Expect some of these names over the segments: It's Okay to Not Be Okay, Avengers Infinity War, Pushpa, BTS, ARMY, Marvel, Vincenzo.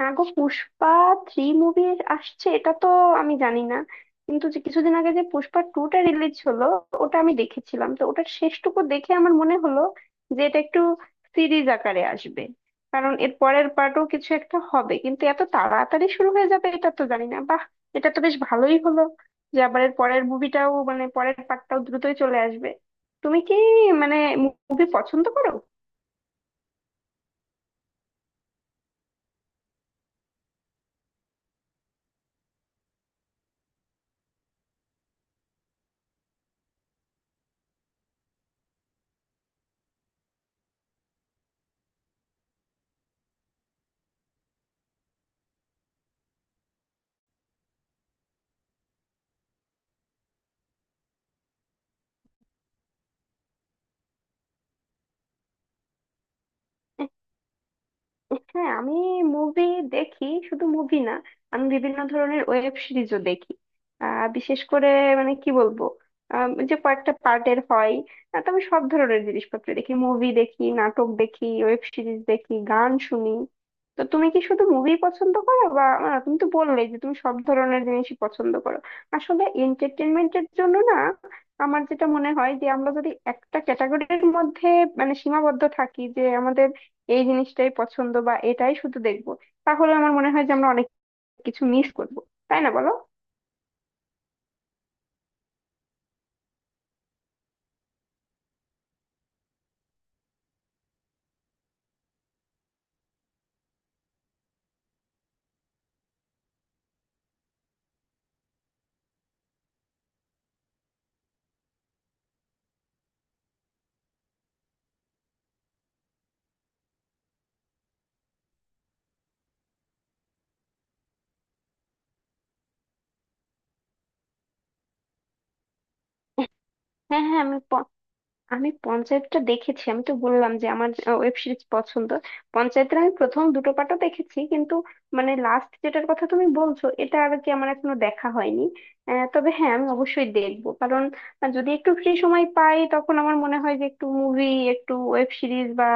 না গো, Pushpa three movie আসছে এটা তো আমি জানি না। কিন্তু যে কিছুদিন আগে যে পুষ্পা টু টা রিলিজ হলো, ওটা আমি দেখেছিলাম। তো ওটার শেষটুকু দেখে আমার মনে হলো যে এটা একটু সিরিজ আকারে আসবে, কারণ এর পরের পার্টও কিছু একটা হবে। কিন্তু এত তাড়াতাড়ি শুরু হয়ে যাবে এটা তো জানি না। বাহ, এটা তো বেশ ভালোই হলো যে আবার এর পরের মুভিটাও, মানে পরের পার্টটাও দ্রুতই চলে আসবে। তুমি কি, মানে, মুভি পছন্দ করো? হ্যাঁ, আমি মুভি দেখি। শুধু মুভি না, আমি বিভিন্ন ধরনের ওয়েব সিরিজও দেখি। বিশেষ করে, মানে কি বলবো, যে কয়েকটা পার্টের হয়। তো আমি সব ধরনের জিনিসপত্র দেখি, মুভি দেখি, নাটক দেখি, ওয়েব সিরিজ দেখি, গান শুনি। তো তুমি কি শুধু মুভি পছন্দ করো, বা তুমি তো বললেই যে তুমি সব ধরনের জিনিসই পছন্দ করো। আসলে এন্টারটেনমেন্টের জন্য না, আমার যেটা মনে হয় যে আমরা যদি একটা ক্যাটাগরির মধ্যে মানে সীমাবদ্ধ থাকি, যে আমাদের এই জিনিসটাই পছন্দ বা এটাই শুধু দেখবো, তাহলে আমার মনে হয় যে আমরা অনেক কিছু মিস করব। তাই না, বলো? হ্যাঁ, হ্যাঁ, আমি, আমি পঞ্চায়েতটা দেখেছি। আমি তো বললাম যে আমার ওয়েব সিরিজ পছন্দ। পঞ্চায়েতের আমি প্রথম দুটো পার্টও দেখেছি, কিন্তু মানে লাস্ট যেটার কথা তুমি বলছো এটা আর কি আমার এখনো দেখা হয়নি। তবে হ্যাঁ, আমি অবশ্যই দেখবো। কারণ যদি একটু ফ্রি সময় পাই, তখন আমার মনে হয় যে একটু মুভি, একটু ওয়েব সিরিজ বা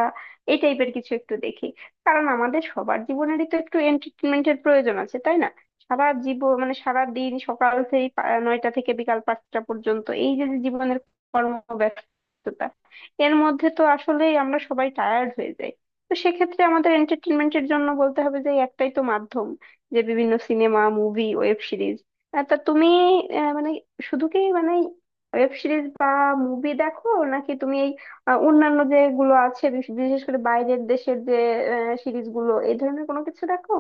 এই টাইপের কিছু একটু দেখি। কারণ আমাদের সবার জীবনেরই তো একটু এন্টারটেনমেন্টের প্রয়োজন আছে, তাই না? সারা জীবন মানে সারা দিন, সকাল থেকে 9টা থেকে বিকাল 5টা পর্যন্ত এই যে যে জীবনের কর্ম ব্যস্ততা, এর মধ্যে তো আসলেই আমরা সবাই টায়ার্ড হয়ে যাই। তো সেক্ষেত্রে আমাদের এন্টারটেনমেন্টের জন্য বলতে হবে যে এই একটাই তো মাধ্যম, যে বিভিন্ন সিনেমা, মুভি, ওয়েব সিরিজ। তা তুমি মানে, শুধু কি মানে ওয়েব সিরিজ বা মুভি দেখো, নাকি তুমি এই অন্যান্য যেগুলো আছে, বিশেষ করে বাইরের দেশের যে সিরিজগুলো, এই ধরনের কোনো কিছু দেখো?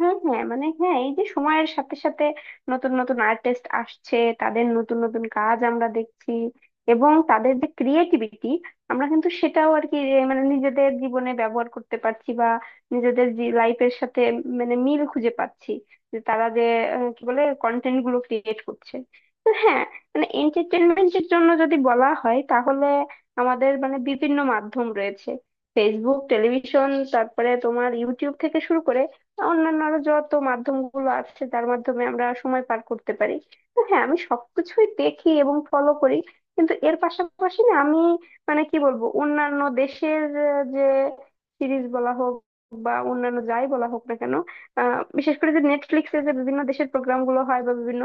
হ্যাঁ, হ্যাঁ, মানে হ্যাঁ, এই যে সময়ের সাথে সাথে নতুন নতুন আর্টিস্ট আসছে, তাদের নতুন নতুন কাজ আমরা দেখছি। এবং তাদের যে ক্রিয়েটিভিটি, আমরা কিন্তু সেটাও আর কি, মানে নিজেদের জীবনে ব্যবহার করতে পারছি, বা নিজেদের লাইফের সাথে মানে মিল খুঁজে পাচ্ছি, যে তারা যে কি বলে কন্টেন্ট গুলো ক্রিয়েট করছে। তো হ্যাঁ, মানে এন্টারটেনমেন্টের জন্য যদি বলা হয়, তাহলে আমাদের মানে বিভিন্ন মাধ্যম রয়েছে। ফেসবুক, টেলিভিশন, তারপরে তোমার ইউটিউব থেকে শুরু করে অন্যান্য আরো যত মাধ্যমগুলো আছে, যার মাধ্যমে আমরা সময় পার করতে পারি। তো হ্যাঁ, আমি সবকিছুই দেখি এবং ফলো করি। কিন্তু এর পাশাপাশি না, আমি মানে কি বলবো, অন্যান্য দেশের যে সিরিজ বলা হোক বা অন্যান্য যাই বলা হোক না কেন, বিশেষ করে যে নেটফ্লিক্সে যে বিভিন্ন দেশের প্রোগ্রাম গুলো হয় বা বিভিন্ন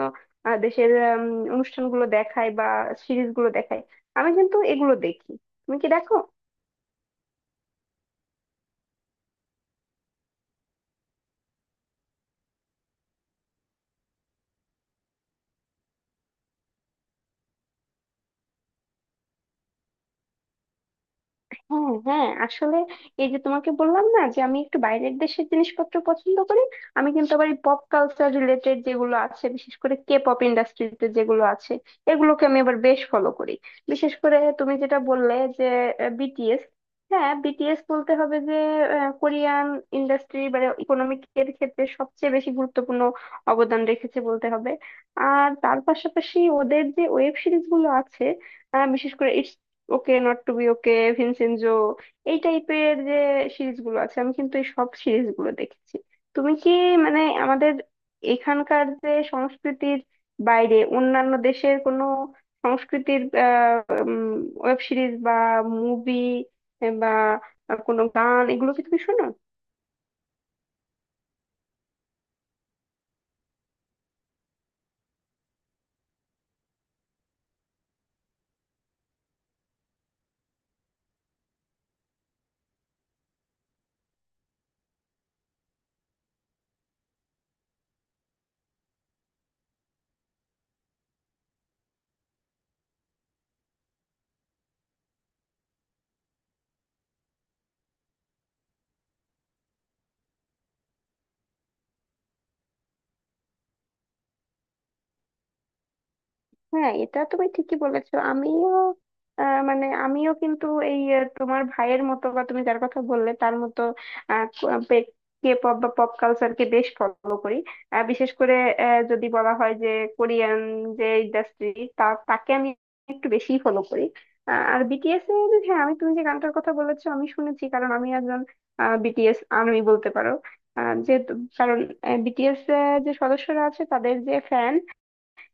দেশের উম, অনুষ্ঠানগুলো দেখায় বা সিরিজগুলো দেখায়, আমি কিন্তু এগুলো দেখি। তুমি কি দেখো? হ্যাঁ, হ্যাঁ, আসলে এই যে তোমাকে বললাম না যে আমি একটু বাইরের দেশের জিনিসপত্র পছন্দ করি। আমি কিন্তু আবার এই পপ কালচার রিলেটেড যেগুলো আছে, বিশেষ করে কে পপ ইন্ডাস্ট্রিতে যেগুলো আছে, এগুলোকে আমি আবার বেশ ফলো করি। বিশেষ করে তুমি যেটা বললে, যে বিটিএস। হ্যাঁ, বিটিএস বলতে হবে যে কোরিয়ান ইন্ডাস্ট্রি বা ইকোনমিক এর ক্ষেত্রে সবচেয়ে বেশি গুরুত্বপূর্ণ অবদান রেখেছে বলতে হবে। আর তার পাশাপাশি ওদের যে ওয়েব সিরিজ গুলো আছে, বিশেষ করে okay not to be okay, Vincenzo, এই টাইপের যে সিরিজগুলো আছে আমি কিন্তু এই সব সিরিজগুলো দেখেছি। তুমি কি, মানে আমাদের এখানকার যে সংস্কৃতির বাইরে অন্যান্য দেশের কোনো সংস্কৃতির ওয়েব সিরিজ বা মুভি বা কোনো গান, এগুলো কি তুমি শোনো? হ্যাঁ, এটা তুমি ঠিকই বলেছো। আমিও মানে আমিও কিন্তু এই তোমার ভাইয়ের মতো বা তুমি যার কথা বললে তার মতো কে পপ বা পপ কালচারকে বেশ ফলো করি। বিশেষ করে যদি বলা হয় যে কোরিয়ান যে ইন্ডাস্ট্রি, তা তাকে আমি একটু বেশি ফলো করি। আর বিটিএস এর হ্যাঁ, আমি তুমি যে গানটার কথা বলেছো আমি শুনেছি। কারণ আমি একজন বিটিএস আর্মি বলতে পারো। যেহেতু কারণ বিটিএস যে সদস্যরা আছে তাদের যে ফ্যান,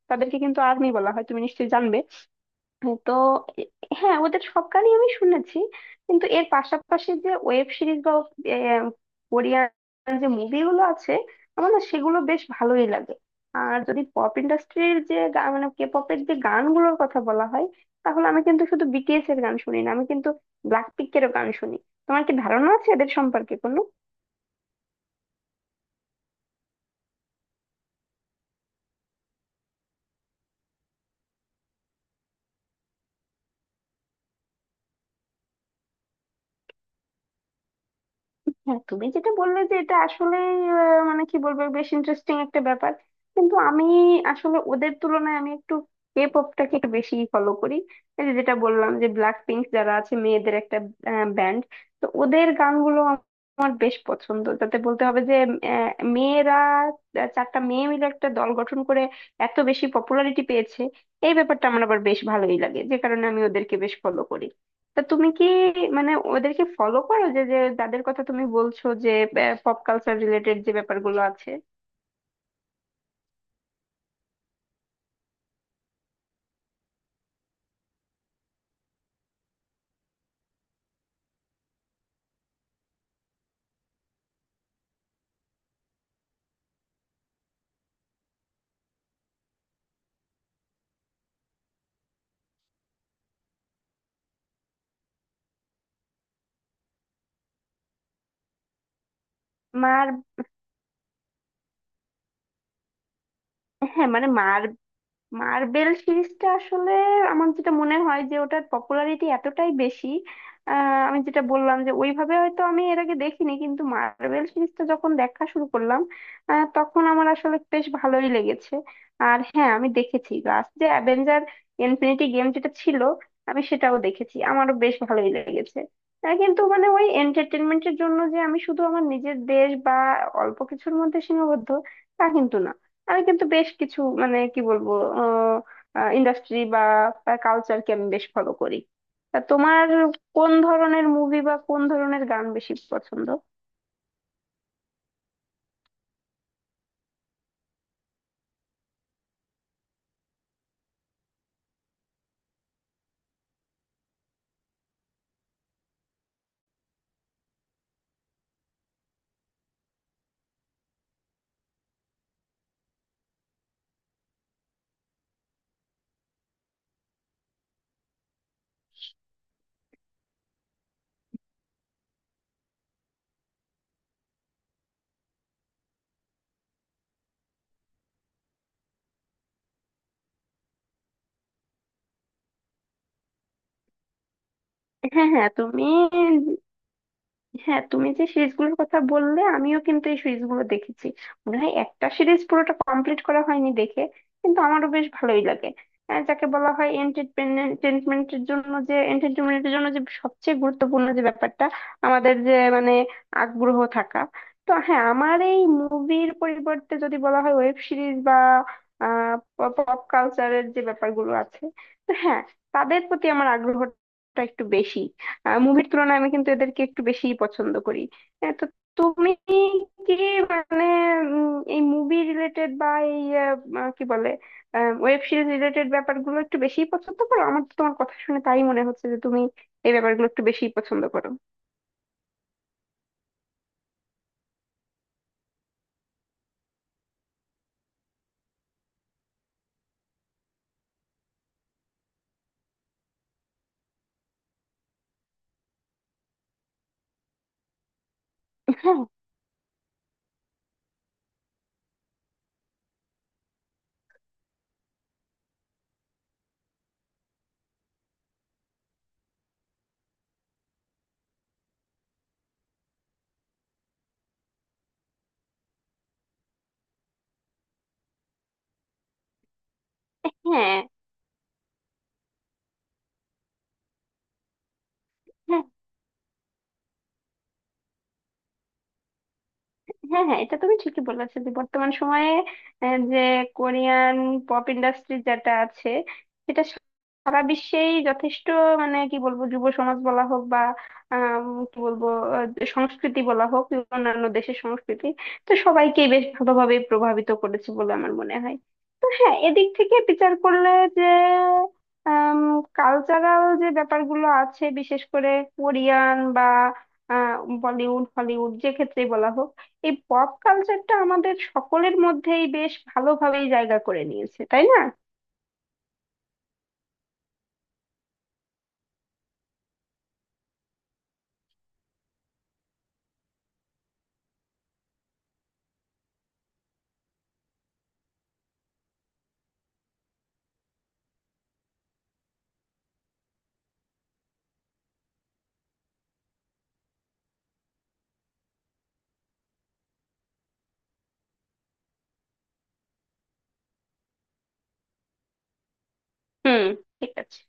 তাদেরকে কিন্তু আর্মি বলা হয়, তুমি নিশ্চয়ই জানবে। তো এ- হ্যাঁ, ওদের সব গানই আমি শুনেছি। কিন্তু এর পাশাপাশি যে ওয়েব সিরিজ বা আহ, কোরিয়ান যে মুভিগুলো আছে, আমার না সেগুলো বেশ ভালোই লাগে। আর যদি পপ ইন্ডাস্ট্রির যে মানে কে পপের যে গানগুলোর কথা বলা হয়, তাহলে আমি কিন্তু শুধু বিটিএস এর গান শুনি না, আমি কিন্তু ব্ল্যাকপিঙ্কেরও গান শুনি। তোমার কি ধারণা আছে এদের সম্পর্কে কোনো? হ্যাঁ, তুমি যেটা বললে যে এটা আসলে মানে কি বলবো, বেশ ইন্টারেস্টিং একটা ব্যাপার। কিন্তু আমি আসলে ওদের তুলনায় আমি একটু কে পপটাকে একটু বেশি ফলো করি। এই যে যেটা বললাম, যে ব্ল্যাক পিঙ্ক যারা আছে, মেয়েদের একটা ব্যান্ড, তো ওদের গানগুলো আমার বেশ পছন্দ। তাতে বলতে হবে যে আহ, মেয়েরা, চারটা মেয়ে মিলে একটা দল গঠন করে এত বেশি পপুলারিটি পেয়েছে। এই ব্যাপারটা আমার আবার বেশ ভালোই লাগে, যে কারণে আমি ওদেরকে বেশ ফলো করি। তা তুমি কি, মানে ওদেরকে ফলো করো, যে যে যাদের কথা তুমি বলছো, যে পপ কালচার রিলেটেড যে ব্যাপারগুলো আছে? মার হ্যাঁ, মানে মার্বেল সিরিজটা আসলে আমার যেটা মনে হয় যে ওটার পপুলারিটি এতটাই বেশি, আমি যেটা বললাম যে ওইভাবে হয়তো আমি এর আগে দেখিনি। কিন্তু মার্বেল সিরিজটা যখন দেখা শুরু করলাম, তখন আমার আসলে বেশ ভালোই লেগেছে। আর হ্যাঁ, আমি দেখেছি লাস্ট যে অ্যাভেঞ্জার ইনফিনিটি গেম যেটা ছিল, আমি সেটাও দেখেছি, আমারও বেশ ভালোই লেগেছে। কিন্তু মানে ওই এন্টারটেনমেন্টের জন্য যে আমি শুধু আমার নিজের দেশ বা অল্প কিছুর মধ্যে সীমাবদ্ধ, তা কিন্তু না। আমি কিন্তু বেশ কিছু মানে কি বলবো, ইন্ডাস্ট্রি বা কালচারকে আমি বেশ ফলো করি। তা তোমার কোন ধরনের মুভি বা কোন ধরনের গান বেশি পছন্দ? হ্যাঁ হ্যাঁ তুমি হ্যাঁ, তুমি যে সিরিজগুলোর কথা বললে আমিও কিন্তু এই সিরিজগুলো দেখেছি। মনে হয় একটা সিরিজ পুরোটা কমপ্লিট করা হয়নি দেখে, কিন্তু আমারও বেশ ভালোই লাগে। যাকে বলা হয় এন্টারটেনমেন্টের জন্য, যে এন্টারটেনমেন্টের জন্য যে সবচেয়ে গুরুত্বপূর্ণ যে ব্যাপারটা আমাদের যে মানে আগ্রহ থাকা। তো হ্যাঁ, আমার এই মুভির পরিবর্তে যদি বলা হয় ওয়েব সিরিজ বা পপ কালচারের যে ব্যাপারগুলো আছে, তো হ্যাঁ, তাদের প্রতি আমার আগ্রহটা একটু বেশি। মুভির তুলনায় আমি কিন্তু এদেরকে একটু বেশিই পছন্দ করি। তো তুমি কি, মানে এই মুভি রিলেটেড বা এই কি বলে ওয়েব সিরিজ রিলেটেড ব্যাপারগুলো একটু বেশিই পছন্দ করো? আমার তো তোমার কথা শুনে তাই মনে হচ্ছে যে তুমি এই ব্যাপারগুলো একটু বেশিই পছন্দ করো। হ্যাঁ, হ্যাঁ, হ্যাঁ, হ্যাঁ, এটা তুমি ঠিকই বলেছো যে বর্তমান সময়ে যে কোরিয়ান পপ ইন্ডাস্ট্রি যেটা আছে, সেটা সারা বিশ্বেই যথেষ্ট, মানে কি বলবো, যুব সমাজ বলা হোক বা আম, কি বলবো সংস্কৃতি বলা হোক, অন্যান্য দেশের সংস্কৃতি, তো সবাইকেই বেশ ভালোভাবে প্রভাবিত করেছে বলে আমার মনে হয়। হ্যাঁ, এদিক থেকে বিচার করলে যে কালচারাল যে ব্যাপারগুলো আছে, বিশেষ করে কোরিয়ান বা আহ, বলিউড, হলিউড, যে ক্ষেত্রেই বলা হোক, এই পপ কালচারটা আমাদের সকলের মধ্যেই বেশ ভালোভাবেই জায়গা করে নিয়েছে, তাই না? হুম, ঠিক আছে।